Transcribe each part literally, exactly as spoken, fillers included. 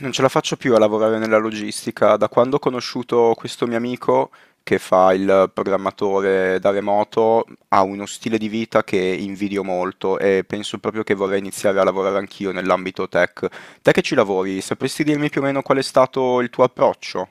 Non ce la faccio più a lavorare nella logistica. Da quando ho conosciuto questo mio amico che fa il programmatore da remoto, ha uno stile di vita che invidio molto e penso proprio che vorrei iniziare a lavorare anch'io nell'ambito tech. Te che ci lavori, sapresti dirmi più o meno qual è stato il tuo approccio?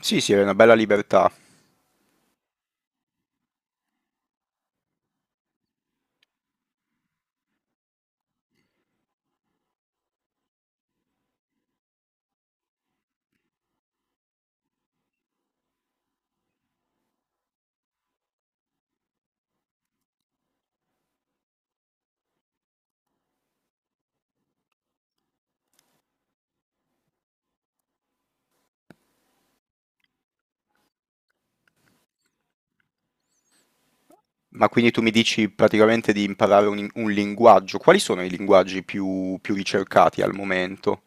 Sì, sì, è una bella libertà. Ma quindi tu mi dici praticamente di imparare un, un linguaggio. Quali sono i linguaggi più più ricercati al momento?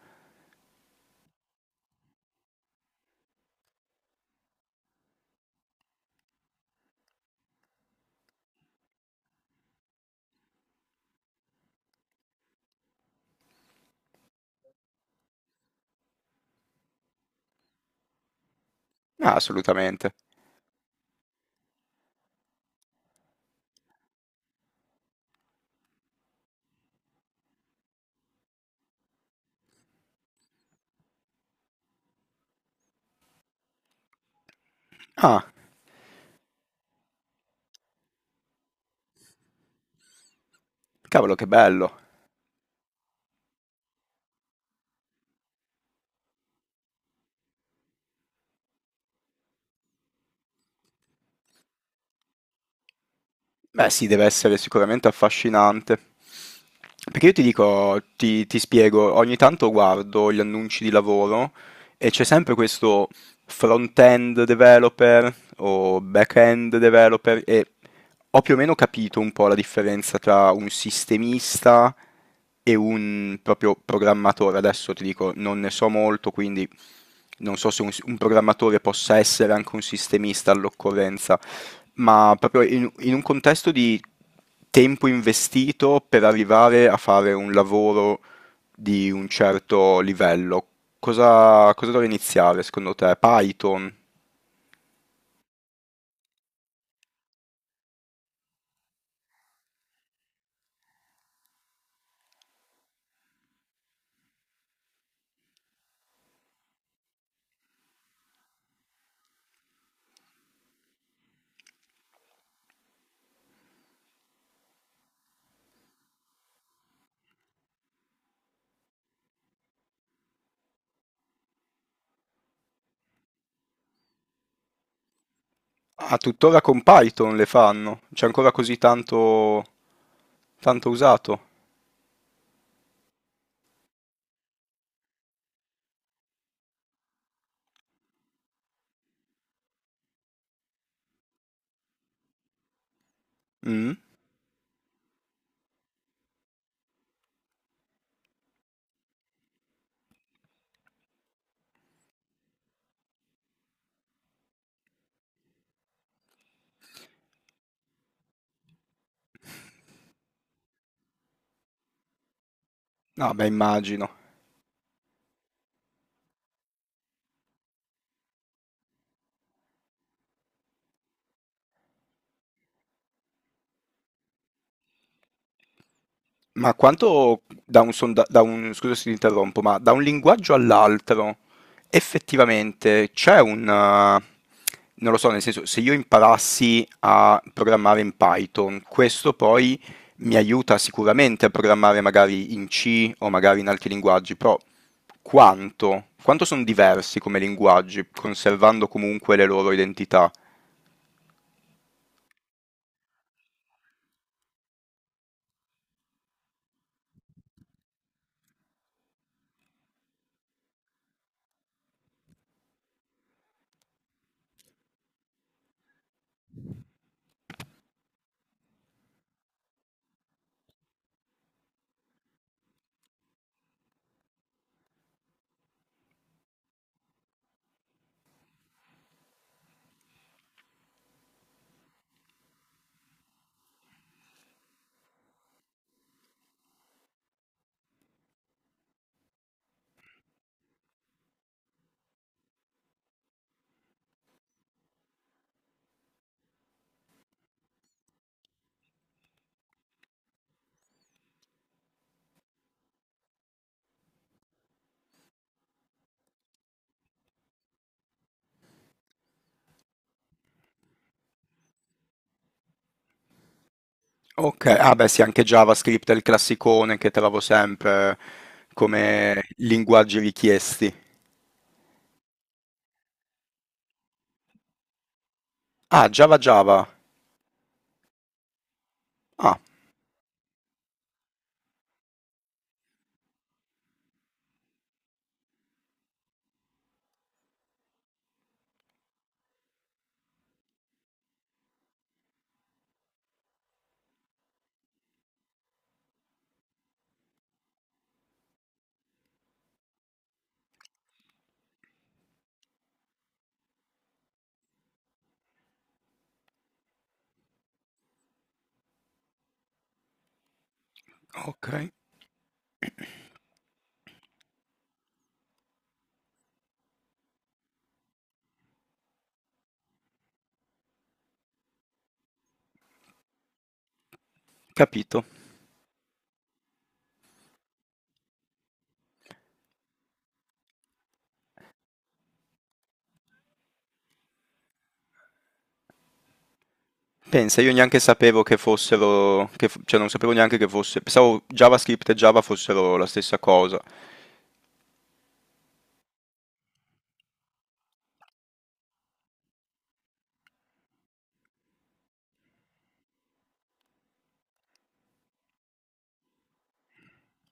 Ah, assolutamente. Ah, cavolo, che bello. Beh sì, deve essere sicuramente affascinante. Perché io ti dico, ti, ti spiego, ogni tanto guardo gli annunci di lavoro e c'è sempre questo front-end developer o back-end developer e ho più o meno capito un po' la differenza tra un sistemista e un proprio programmatore. Adesso ti dico, non ne so molto, quindi non so se un, un programmatore possa essere anche un sistemista all'occorrenza, ma proprio in, in un contesto di tempo investito per arrivare a fare un lavoro di un certo livello, cosa, cosa dovrei iniziare secondo te? Python? Ah, tuttora con Python le fanno? C'è ancora così tanto, tanto usato? Mm? No, beh, immagino. Ma quanto da un, sonda- da un- Scusa se ti interrompo, ma da un linguaggio all'altro effettivamente c'è un... eh, non lo so, nel senso, se io imparassi a programmare in Python, questo poi mi aiuta sicuramente a programmare magari in C o magari in altri linguaggi, però quanto? Quanto sono diversi come linguaggi, conservando comunque le loro identità? Ok, ah beh sì, anche JavaScript è il classicone che trovo sempre come linguaggi richiesti. Ah, Java Java. Ah, ok, capito. Pensa, io neanche sapevo che fossero, che f- cioè non sapevo neanche che fosse, pensavo JavaScript e Java fossero la stessa cosa.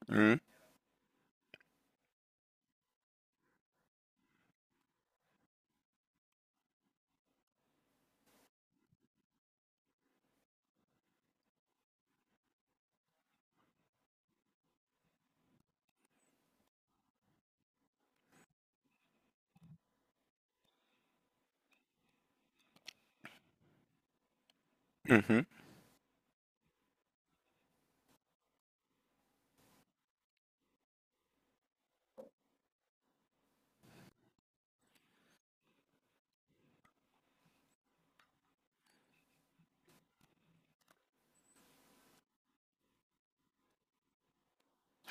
Mm, mhm,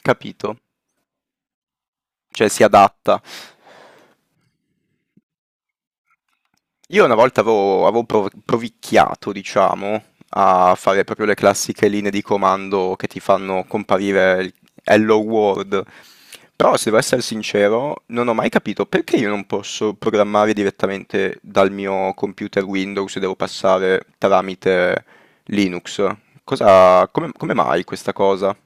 capito, cioè si adatta. Io una volta avevo, avevo prov- provicchiato, diciamo, a fare proprio le classiche linee di comando che ti fanno comparire il Hello World. Però, se devo essere sincero, non ho mai capito perché io non posso programmare direttamente dal mio computer Windows e devo passare tramite Linux. Cosa, come, come mai questa cosa?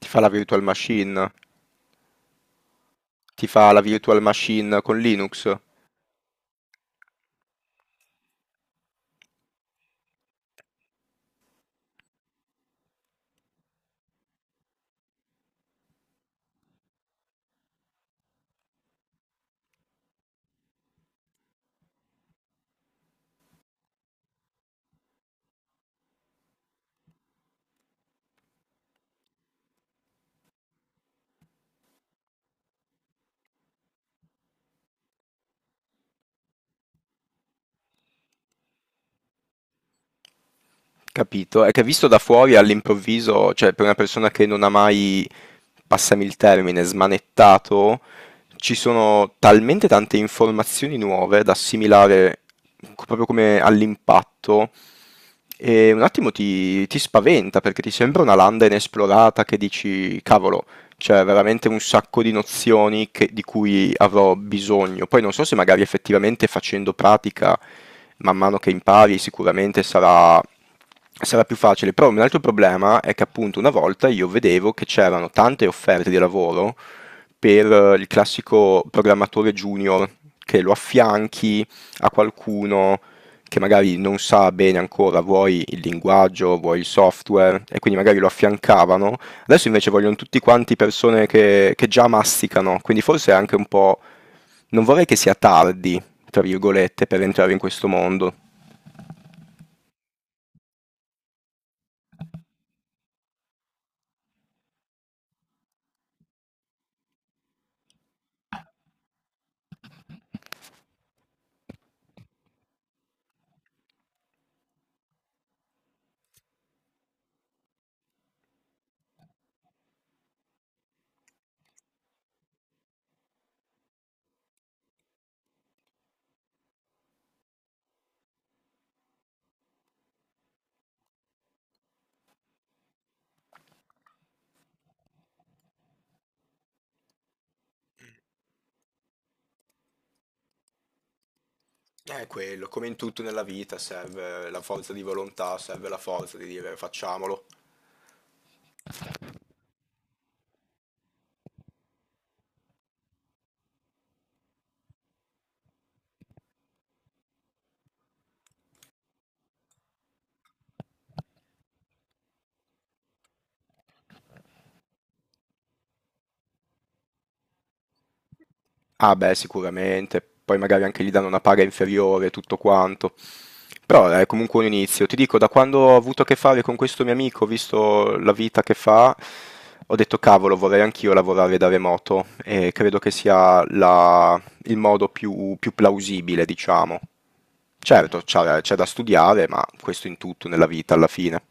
Ti fa la virtual machine? Ti fa la virtual machine con Linux? Capito, è che visto da fuori all'improvviso, cioè per una persona che non ha mai, passami il termine, smanettato, ci sono talmente tante informazioni nuove da assimilare co- proprio come all'impatto e un attimo ti, ti spaventa perché ti sembra una landa inesplorata che dici, cavolo, c'è veramente un sacco di nozioni che- di cui avrò bisogno. Poi non so se magari effettivamente facendo pratica, man mano che impari, sicuramente sarà, sarà più facile. Però un altro problema è che appunto una volta io vedevo che c'erano tante offerte di lavoro per eh, il classico programmatore junior, che lo affianchi a qualcuno che magari non sa bene ancora, vuoi il linguaggio, vuoi il software, e quindi magari lo affiancavano. Adesso invece vogliono tutti quanti persone che, che già masticano, quindi forse è anche un po'... Non vorrei che sia tardi, tra virgolette, per entrare in questo mondo. È quello, come in tutto nella vita serve la forza di volontà, serve la forza di dire facciamolo. Ah beh, sicuramente, poi magari anche gli danno una paga inferiore, tutto quanto. Però eh, è comunque un inizio. Ti dico, da quando ho avuto a che fare con questo mio amico, ho visto la vita che fa, ho detto cavolo, vorrei anch'io lavorare da remoto e credo che sia la- il modo più, più plausibile, diciamo. Certo, c'è c'è da studiare, ma questo in tutto nella vita alla fine.